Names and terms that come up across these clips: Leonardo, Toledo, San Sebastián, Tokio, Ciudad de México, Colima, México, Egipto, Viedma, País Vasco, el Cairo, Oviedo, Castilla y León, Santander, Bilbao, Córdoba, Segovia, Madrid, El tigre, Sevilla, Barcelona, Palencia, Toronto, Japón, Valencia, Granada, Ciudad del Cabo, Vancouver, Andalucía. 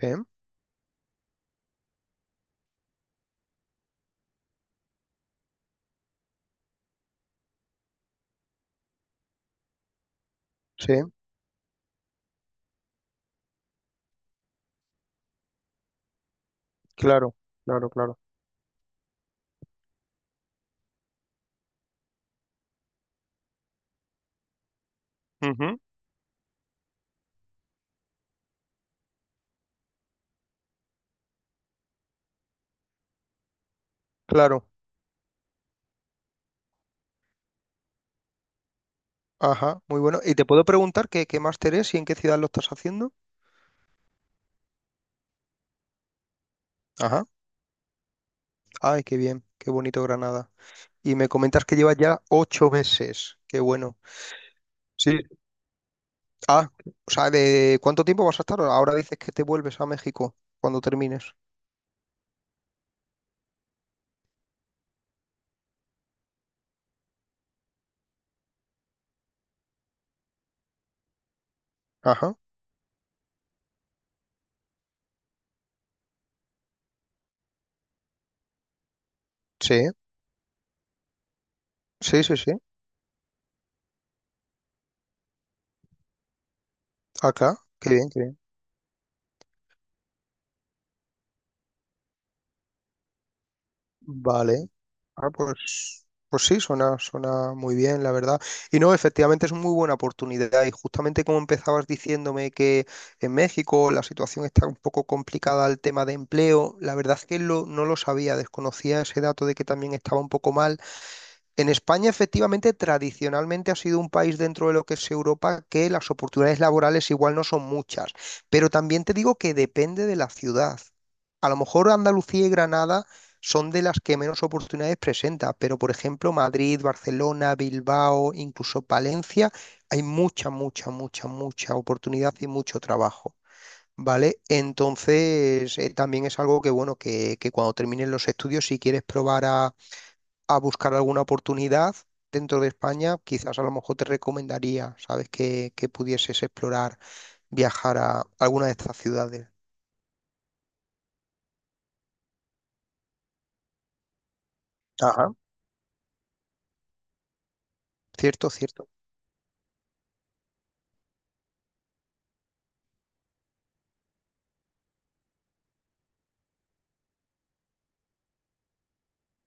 Sí, sí, claro, claro, claro. Ujú, claro, ajá, muy bueno. ¿Y te puedo preguntar qué máster es y en qué ciudad lo estás haciendo? Ajá. Ay, qué bien, qué bonito Granada. Y me comentas que llevas ya ocho meses, qué bueno. Sí. Ah, o sea, ¿de cuánto tiempo vas a estar? Ahora dices que te vuelves a México cuando termines. Ajá, sí, sí, sí, sí. Acá, qué bien, qué bien. Vale, ah, pues, pues sí, suena muy bien, la verdad. Y no, efectivamente es una muy buena oportunidad. Y justamente como empezabas diciéndome que en México la situación está un poco complicada al tema de empleo, la verdad es que lo, no lo sabía, desconocía ese dato de que también estaba un poco mal. En España, efectivamente, tradicionalmente ha sido un país dentro de lo que es Europa que las oportunidades laborales igual no son muchas, pero también te digo que depende de la ciudad. A lo mejor Andalucía y Granada son de las que menos oportunidades presenta, pero por ejemplo Madrid, Barcelona, Bilbao, incluso Palencia, hay mucha oportunidad y mucho trabajo. ¿Vale? Entonces, también es algo que, bueno, que cuando termines los estudios, si quieres probar a buscar alguna oportunidad dentro de España, quizás a lo mejor te recomendaría, ¿sabes? Que pudieses explorar, viajar a alguna de estas ciudades. Ajá. Cierto, cierto.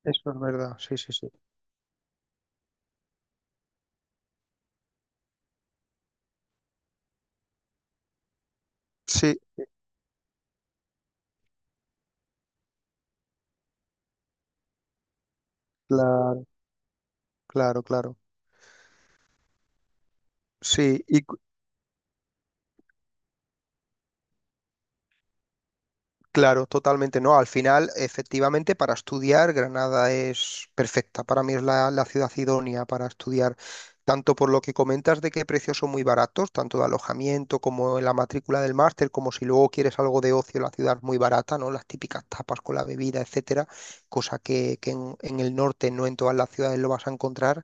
Eso es verdad, sí, sí, sí. Sí, cla- claro, claro. Sí, y claro, totalmente no. Al final, efectivamente, para estudiar, Granada es perfecta. Para mí es la ciudad idónea para estudiar, tanto por lo que comentas de que precios son muy baratos, tanto de alojamiento como en la matrícula del máster, como si luego quieres algo de ocio, la ciudad es muy barata, ¿no? Las típicas tapas con la bebida, etcétera, cosa que en el norte no en todas las ciudades lo vas a encontrar.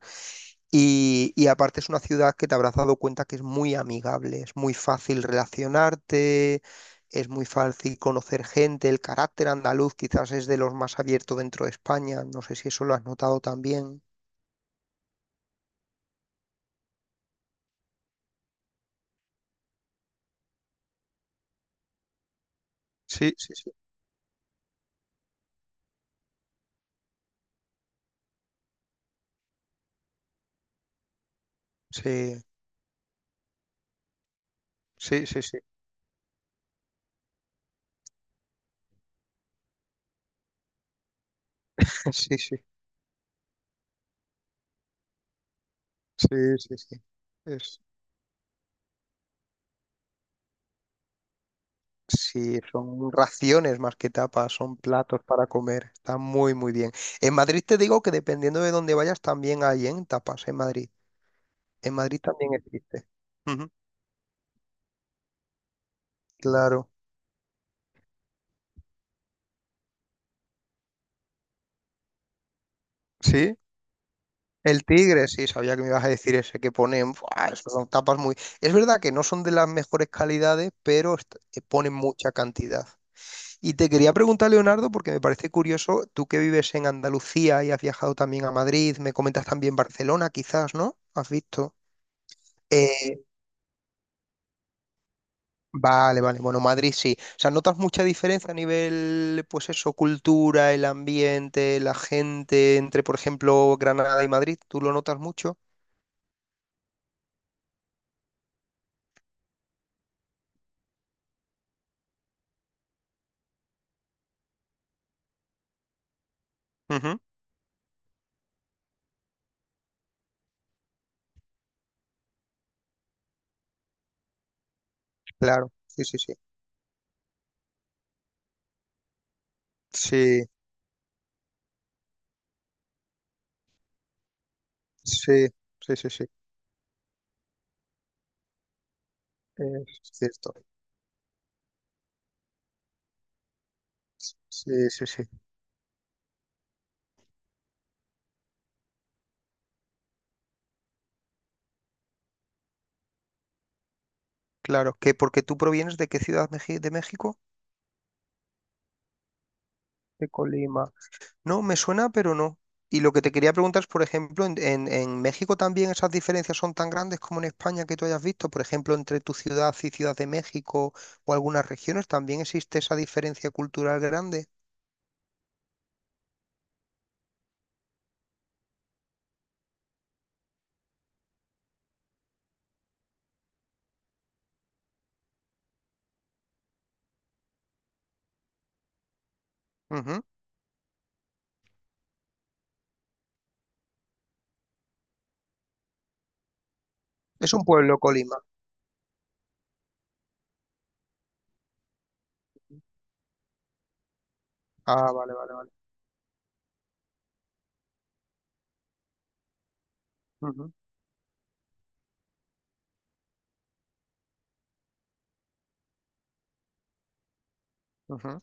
Y aparte es una ciudad que te habrás dado cuenta que es muy amigable, es muy fácil relacionarte, es muy fácil conocer gente, el carácter andaluz quizás es de los más abiertos dentro de España, no sé si eso lo has notado también. Sí, sí, sí. Sí, sí, sí, sí, sí, sí, sí, sí, sí. Es- sí, son raciones más que tapas, son platos para comer, está muy, muy bien. En Madrid te digo que dependiendo de dónde vayas también hay en tapas en Madrid. En Madrid también existe. Ujú. Claro. Sí, el tigre, sí, sabía que me ibas a decir ese que ponen. ¡Buah! Esas son tapas muy. Es verdad que no son de las mejores calidades, pero ponen mucha cantidad. Y te quería preguntar, Leonardo, porque me parece curioso, tú que vives en Andalucía y has viajado también a Madrid, me comentas también Barcelona, quizás, ¿no? ¿Has visto? Eh, vale, vale. Bueno, Madrid sí. O sea, ¿notas mucha diferencia a nivel, pues eso, cultura, el ambiente, la gente, entre, por ejemplo, Granada y Madrid? ¿Tú lo notas mucho? Ujú. Claro, sí, sí, sí. Sí, sí, sí, sí, sí, es cierto. Sí, sí, sí, claro. Que porque tú provienes de qué ciudad, ¿de México? De Colima. No, me suena, pero no. Y lo que te quería preguntar es, por ejemplo, en México también esas diferencias son tan grandes como en España que tú hayas visto, por ejemplo, entre tu ciudad y Ciudad de México o algunas regiones, también existe esa diferencia cultural grande. Ujú. Es un pueblo, Colima. Ah, vale. Ujú, ujú.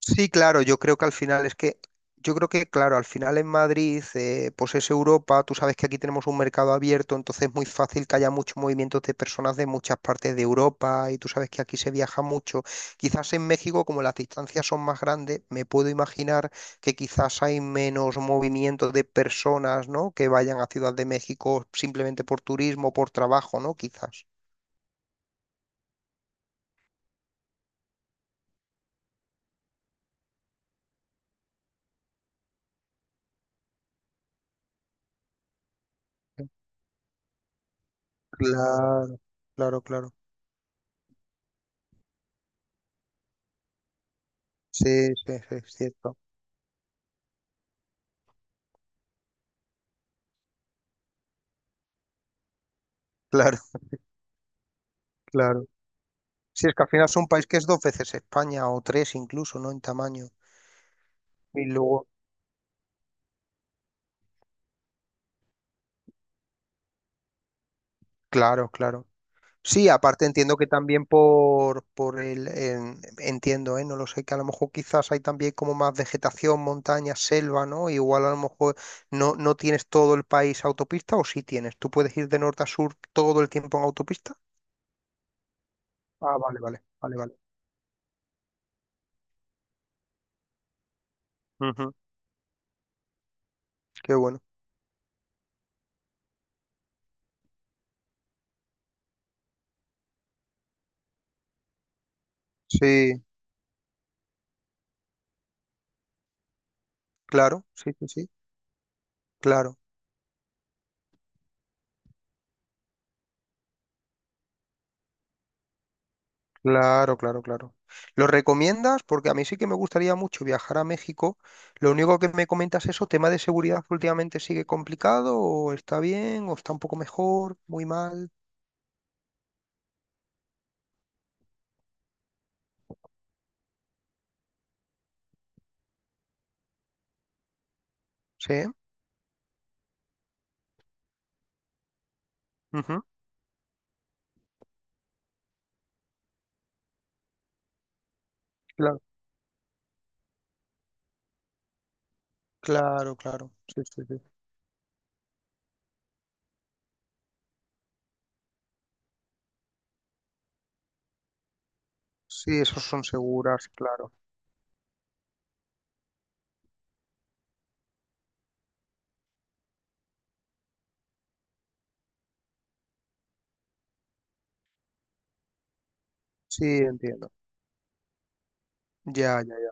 Sí, claro, yo creo que al final es que, yo creo que, claro, al final en Madrid, pues es Europa, tú sabes que aquí tenemos un mercado abierto, entonces es muy fácil que haya muchos movimientos de personas de muchas partes de Europa y tú sabes que aquí se viaja mucho. Quizás en México, como las distancias son más grandes, me puedo imaginar que quizás hay menos movimiento de personas, ¿no? Que vayan a Ciudad de México simplemente por turismo, por trabajo, ¿no? Quizás. Claro, claro, claro. Sí, sí, sí, es cierto. Claro, claro. Si es que al final es un país que es dos veces España o tres incluso, ¿no? En tamaño. Y luego, claro, claro. Sí, aparte entiendo que también entiendo, ¿eh? No lo sé, que a lo mejor quizás hay también como más vegetación, montaña, selva, ¿no? Igual a lo mejor no tienes todo el país autopista o sí tienes. ¿Tú puedes ir de norte a sur todo el tiempo en autopista? Ah, vale. Ujú. Qué bueno. Sí, claro, sí, sí, sí, claro. Claro, claro, claro. ¿Lo recomiendas? Porque a mí sí que me gustaría mucho viajar a México. Lo único que me comentas es eso, tema de seguridad que últimamente sigue complicado, o está bien, o está un poco mejor, muy mal. Sí. Ujú, claro, claro, claro. Sí, sí, sí. Sí, esos son seguras, claro. Sí, entiendo. Ya, ya, ya.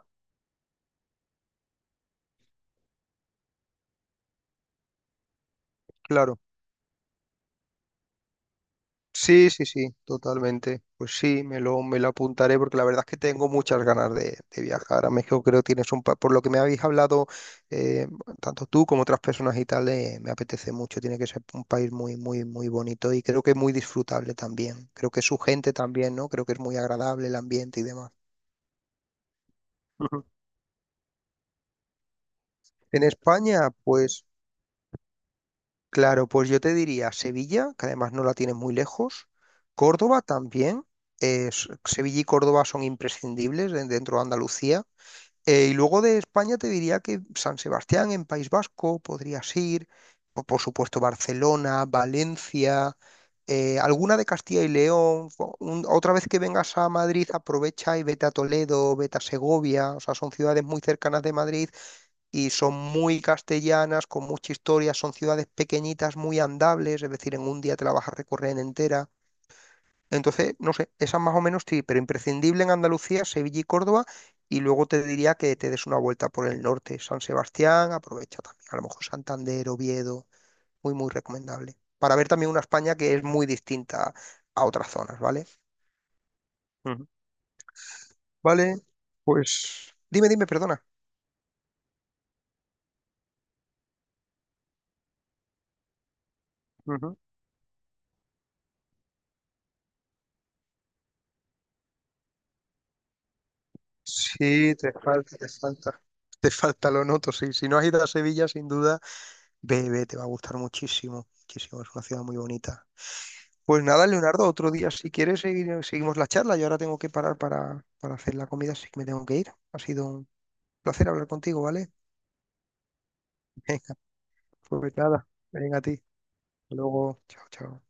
Claro. Sí, sí, sí, totalmente. Pues sí, me lo apuntaré porque la verdad es que tengo muchas ganas de viajar a México. Creo que tienes un... Por lo que me habéis hablado, eh, tanto tú como otras personas y tal, me apetece mucho. Tiene que ser un país muy, muy, muy bonito y creo que muy disfrutable también. Creo que su gente también, ¿no? Creo que es muy agradable el ambiente y demás. Ujú. En España, pues... Claro, pues yo te diría Sevilla, que además no la tienes muy lejos. Córdoba también. Sevilla y Córdoba son imprescindibles dentro de Andalucía. Y luego de España te diría que San Sebastián en País Vasco podrías ir. O por supuesto Barcelona, Valencia, alguna de Castilla y León. Otra vez que vengas a Madrid, aprovecha y vete a Toledo, vete a Segovia. O sea, son ciudades muy cercanas de Madrid y son muy castellanas, con mucha historia, son ciudades pequeñitas, muy andables, es decir, en un día te la vas a recorrer entera. Entonces, no sé, esas más o menos sí, pero imprescindible en Andalucía, Sevilla y Córdoba, y luego te diría que te des una vuelta por el norte, San Sebastián, aprovecha también, a lo mejor Santander, Oviedo, muy, muy recomendable, para ver también una España que es muy distinta a otras zonas, ¿vale? Ujú, vale, pues dime, perdona. Ujú. Sí, te falta, te falta. Te falta, lo noto. Sí, si no has ido a Sevilla, sin duda, ve, ve, te va a gustar muchísimo. Muchísimo, es una ciudad muy bonita. Pues nada, Leonardo, otro día, si quieres, seguimos la charla. Yo ahora tengo que parar para hacer la comida, así que me tengo que ir. Ha sido un placer hablar contigo, ¿vale? Venga, pues nada, venga a ti. Hasta luego, chao, chao.